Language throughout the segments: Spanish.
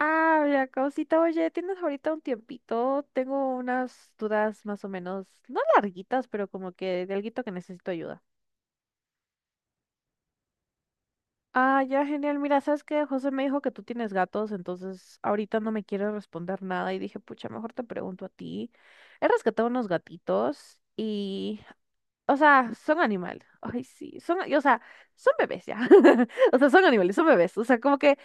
Ah, la causita, oye, ¿tienes ahorita un tiempito? Tengo unas dudas más o menos, no larguitas, pero como que de alguito que necesito ayuda. Ah, ya, genial. Mira, sabes que José me dijo que tú tienes gatos, entonces ahorita no me quiere responder nada y dije, pucha, mejor te pregunto a ti. He rescatado unos gatitos y, o sea, son animal. Ay, sí, son, y, o sea, son bebés ya. O sea, son animales, son bebés. O sea, como que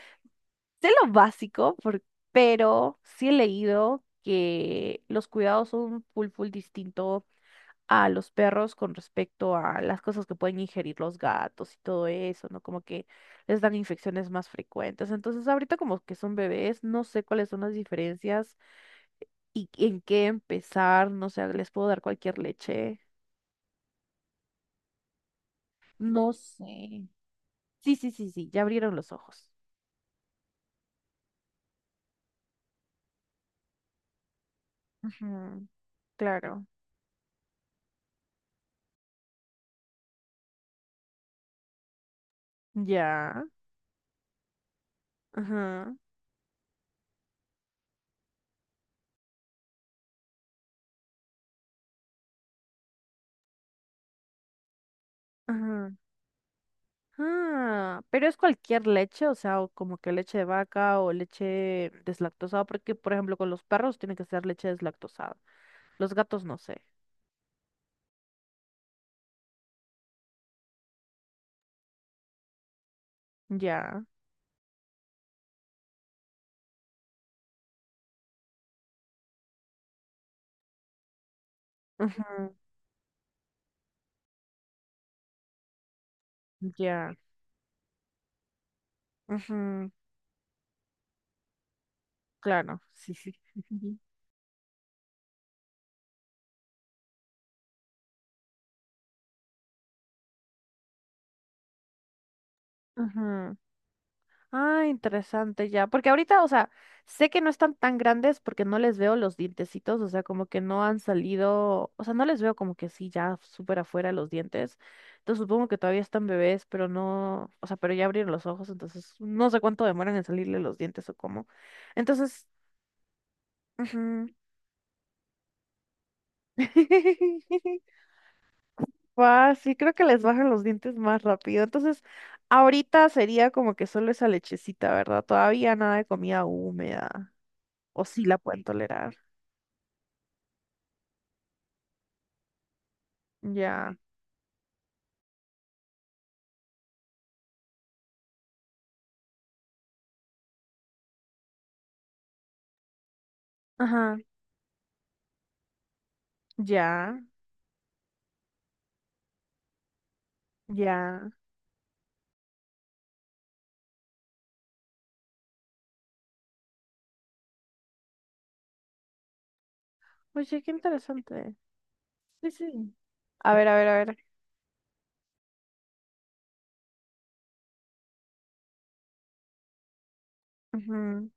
sé lo básico, pero sí he leído que los cuidados son full, full distinto a los perros con respecto a las cosas que pueden ingerir los gatos y todo eso, ¿no? Como que les dan infecciones más frecuentes. Entonces, ahorita como que son bebés, no sé cuáles son las diferencias y en qué empezar, no sé, les puedo dar cualquier leche. No sé. Sí, sí, sí, sí, ya abrieron los ojos. Ujú, claro. Ya. Ajá. Ajá. Ah, pero es cualquier leche, o sea, o como que leche de vaca o leche deslactosada, porque por ejemplo con los perros tiene que ser leche deslactosada. Los gatos no sé. Ya. Ujú. Ya. Ujú. Claro, sí, sí. Ujú. Ah, interesante ya, porque ahorita, o sea, sé que no están tan grandes porque no les veo los dientecitos, o sea, como que no han salido, o sea, no les veo como que sí, ya súper afuera los dientes. Entonces supongo que todavía están bebés, pero no, o sea, pero ya abrieron los ojos, entonces no sé cuánto demoran en salirle los dientes o cómo. Entonces, ujú. Guau, sí, creo que les bajan los dientes más rápido. Entonces, ahorita sería como que solo esa lechecita, ¿verdad? Todavía nada de comida húmeda. O sí la pueden tolerar. Ya. Ajá. Ya. Ya. Oye, qué interesante. Sí, sí. A ver, a ver, a ver. Ujú.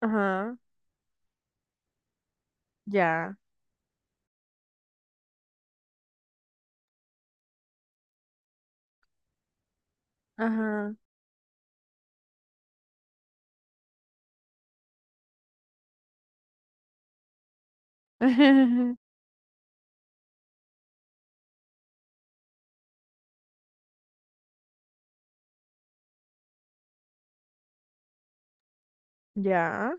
Ajá. Ya. Ajá. Ya.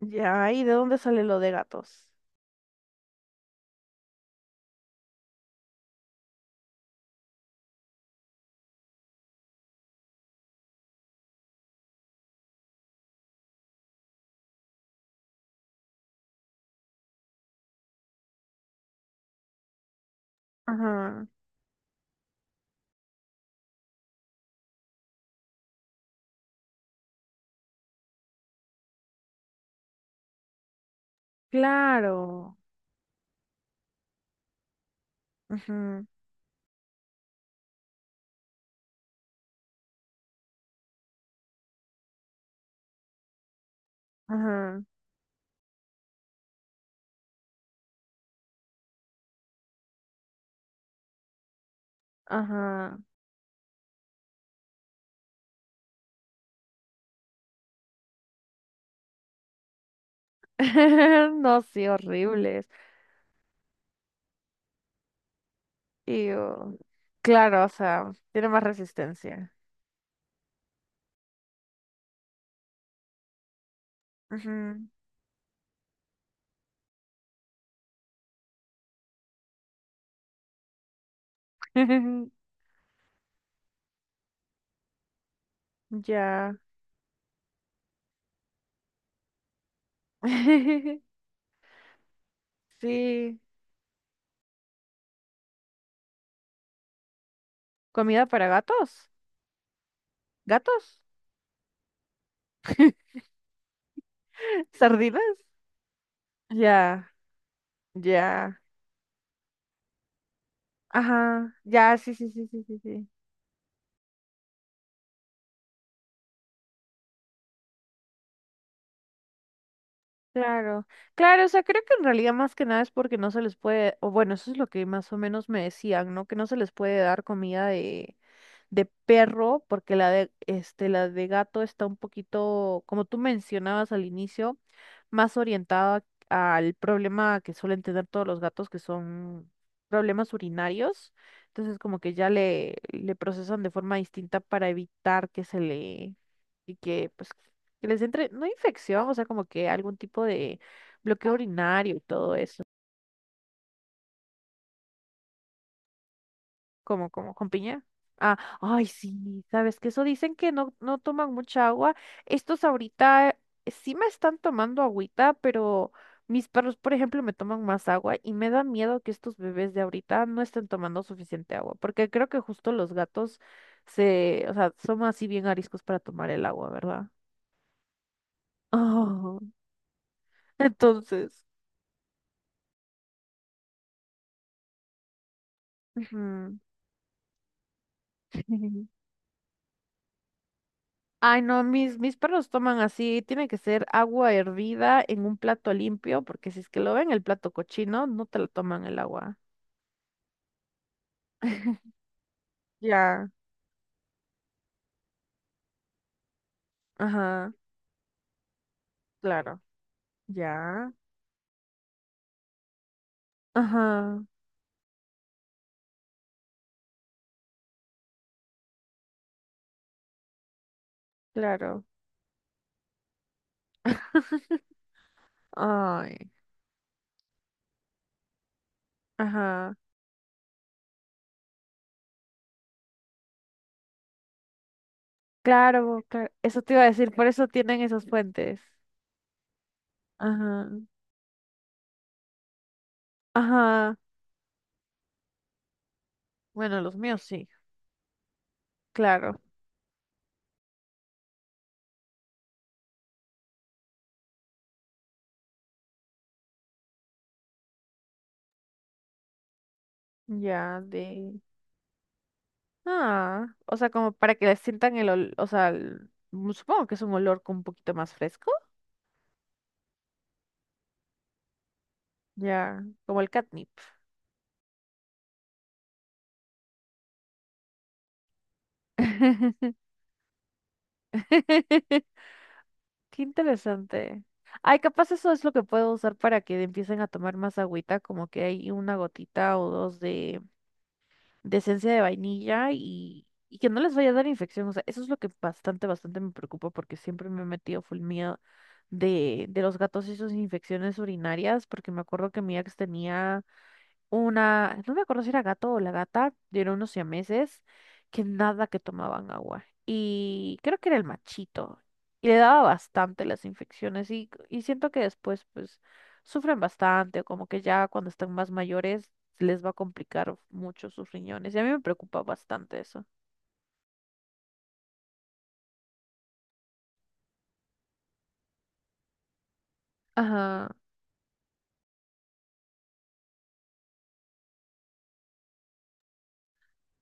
Ya. ¿Y de dónde sale lo de gatos? Ajá. Claro. Ajá. Ajá. Ajá. No, sí, horribles. Y oh, claro, o sea, tiene más resistencia. Ujú. Ya. Sí. ¿Comida para gatos? ¿Gatos? ¿Sardinas? Ya, ya. Ajá, ya, sí, sí, sí, sí, sí, sí. Claro, claro, o sea, creo que en realidad más que nada es porque no se les puede, o bueno, eso es lo que más o menos me decían, ¿no? Que no se les puede dar comida de, perro, porque la de, este, la de gato está un poquito, como tú mencionabas al inicio, más orientada al problema que suelen tener todos los gatos, que son problemas urinarios. Entonces, como que ya le procesan de forma distinta para evitar que se le, y que pues que les entre, no infección, o sea, como que algún tipo de bloqueo urinario y todo eso. Como con piña. Ah, ay, sí, sabes que eso dicen que no, no toman mucha agua. Estos ahorita sí me están tomando agüita, pero mis perros, por ejemplo, me toman más agua y me da miedo que estos bebés de ahorita no estén tomando suficiente agua, porque creo que justo los gatos se, o sea, son así bien ariscos para tomar el agua, ¿verdad? Oh, entonces. Ujú. Ay, no, mis perros toman así, tiene que ser agua hervida en un plato limpio, porque si es que lo ven el plato cochino, no te lo toman el agua. Ya. Ajá, claro. Ya. Ajá, claro. Ay, ajá. Claro, claro. Eso te iba a decir, por eso tienen esos puentes. Ajá, ajá. Bueno, los míos sí, claro. Ya, de. Ah, o sea, como para que le sientan el olor, o sea, supongo que es un olor con un poquito más fresco. Ya, como el catnip. Qué interesante. Ay, capaz eso es lo que puedo usar para que empiecen a tomar más agüita, como que hay una gotita o dos de, esencia de vainilla y que no les vaya a dar infección. O sea, eso es lo que bastante, bastante me preocupa porque siempre me he metido full miedo de los gatos y sus infecciones urinarias, porque me acuerdo que mi ex tenía una, no me acuerdo si era gato o la gata, eran unos siameses que nada que tomaban agua. Y creo que era el machito. Y le daba bastante las infecciones y siento que después pues sufren bastante o como que ya cuando están más mayores les va a complicar mucho sus riñones. Y a mí me preocupa bastante eso. Ajá,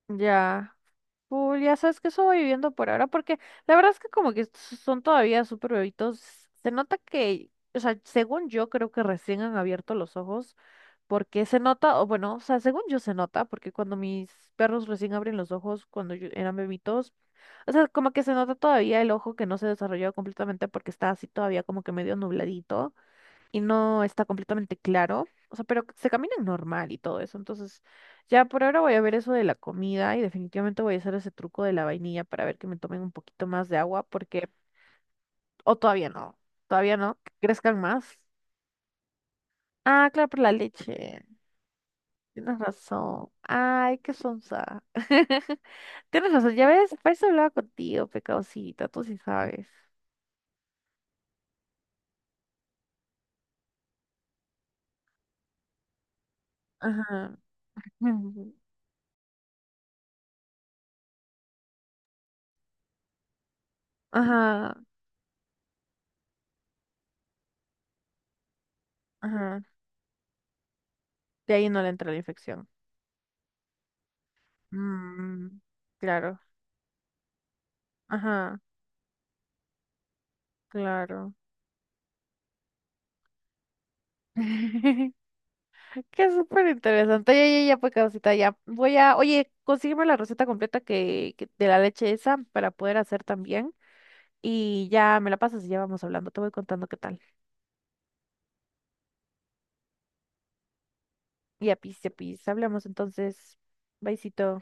ya. Cool, ya sabes que eso voy viviendo por ahora, porque la verdad es que como que son todavía súper bebitos. Se nota que, o sea, según yo creo que recién han abierto los ojos, porque se nota, o bueno, o sea, según yo se nota, porque cuando mis perros recién abren los ojos, eran bebitos, o sea, como que se nota todavía el ojo que no se desarrolló completamente porque está así todavía como que medio nubladito y no está completamente claro. O sea, pero se caminan normal y todo eso. Entonces, ya por ahora voy a ver eso de la comida y definitivamente voy a hacer ese truco de la vainilla para ver que me tomen un poquito más de agua porque, o todavía no, que crezcan más. Ah, claro, por la leche. Tienes razón. Ay, qué sonsa. Tienes razón, ya ves, para eso hablaba contigo, pecadosita, tú sí sabes. Ajá. Ajá, ajá. De ahí no le entra la infección. Mm, claro. Ajá, claro. Qué súper interesante. Ya, ya, ya, pues, Causita, ya. Voy a, oye, consígueme la receta completa de la leche esa para poder hacer también. Y ya me la pasas y ya vamos hablando. Te voy contando qué tal. Y a pis, hablamos entonces. Besito.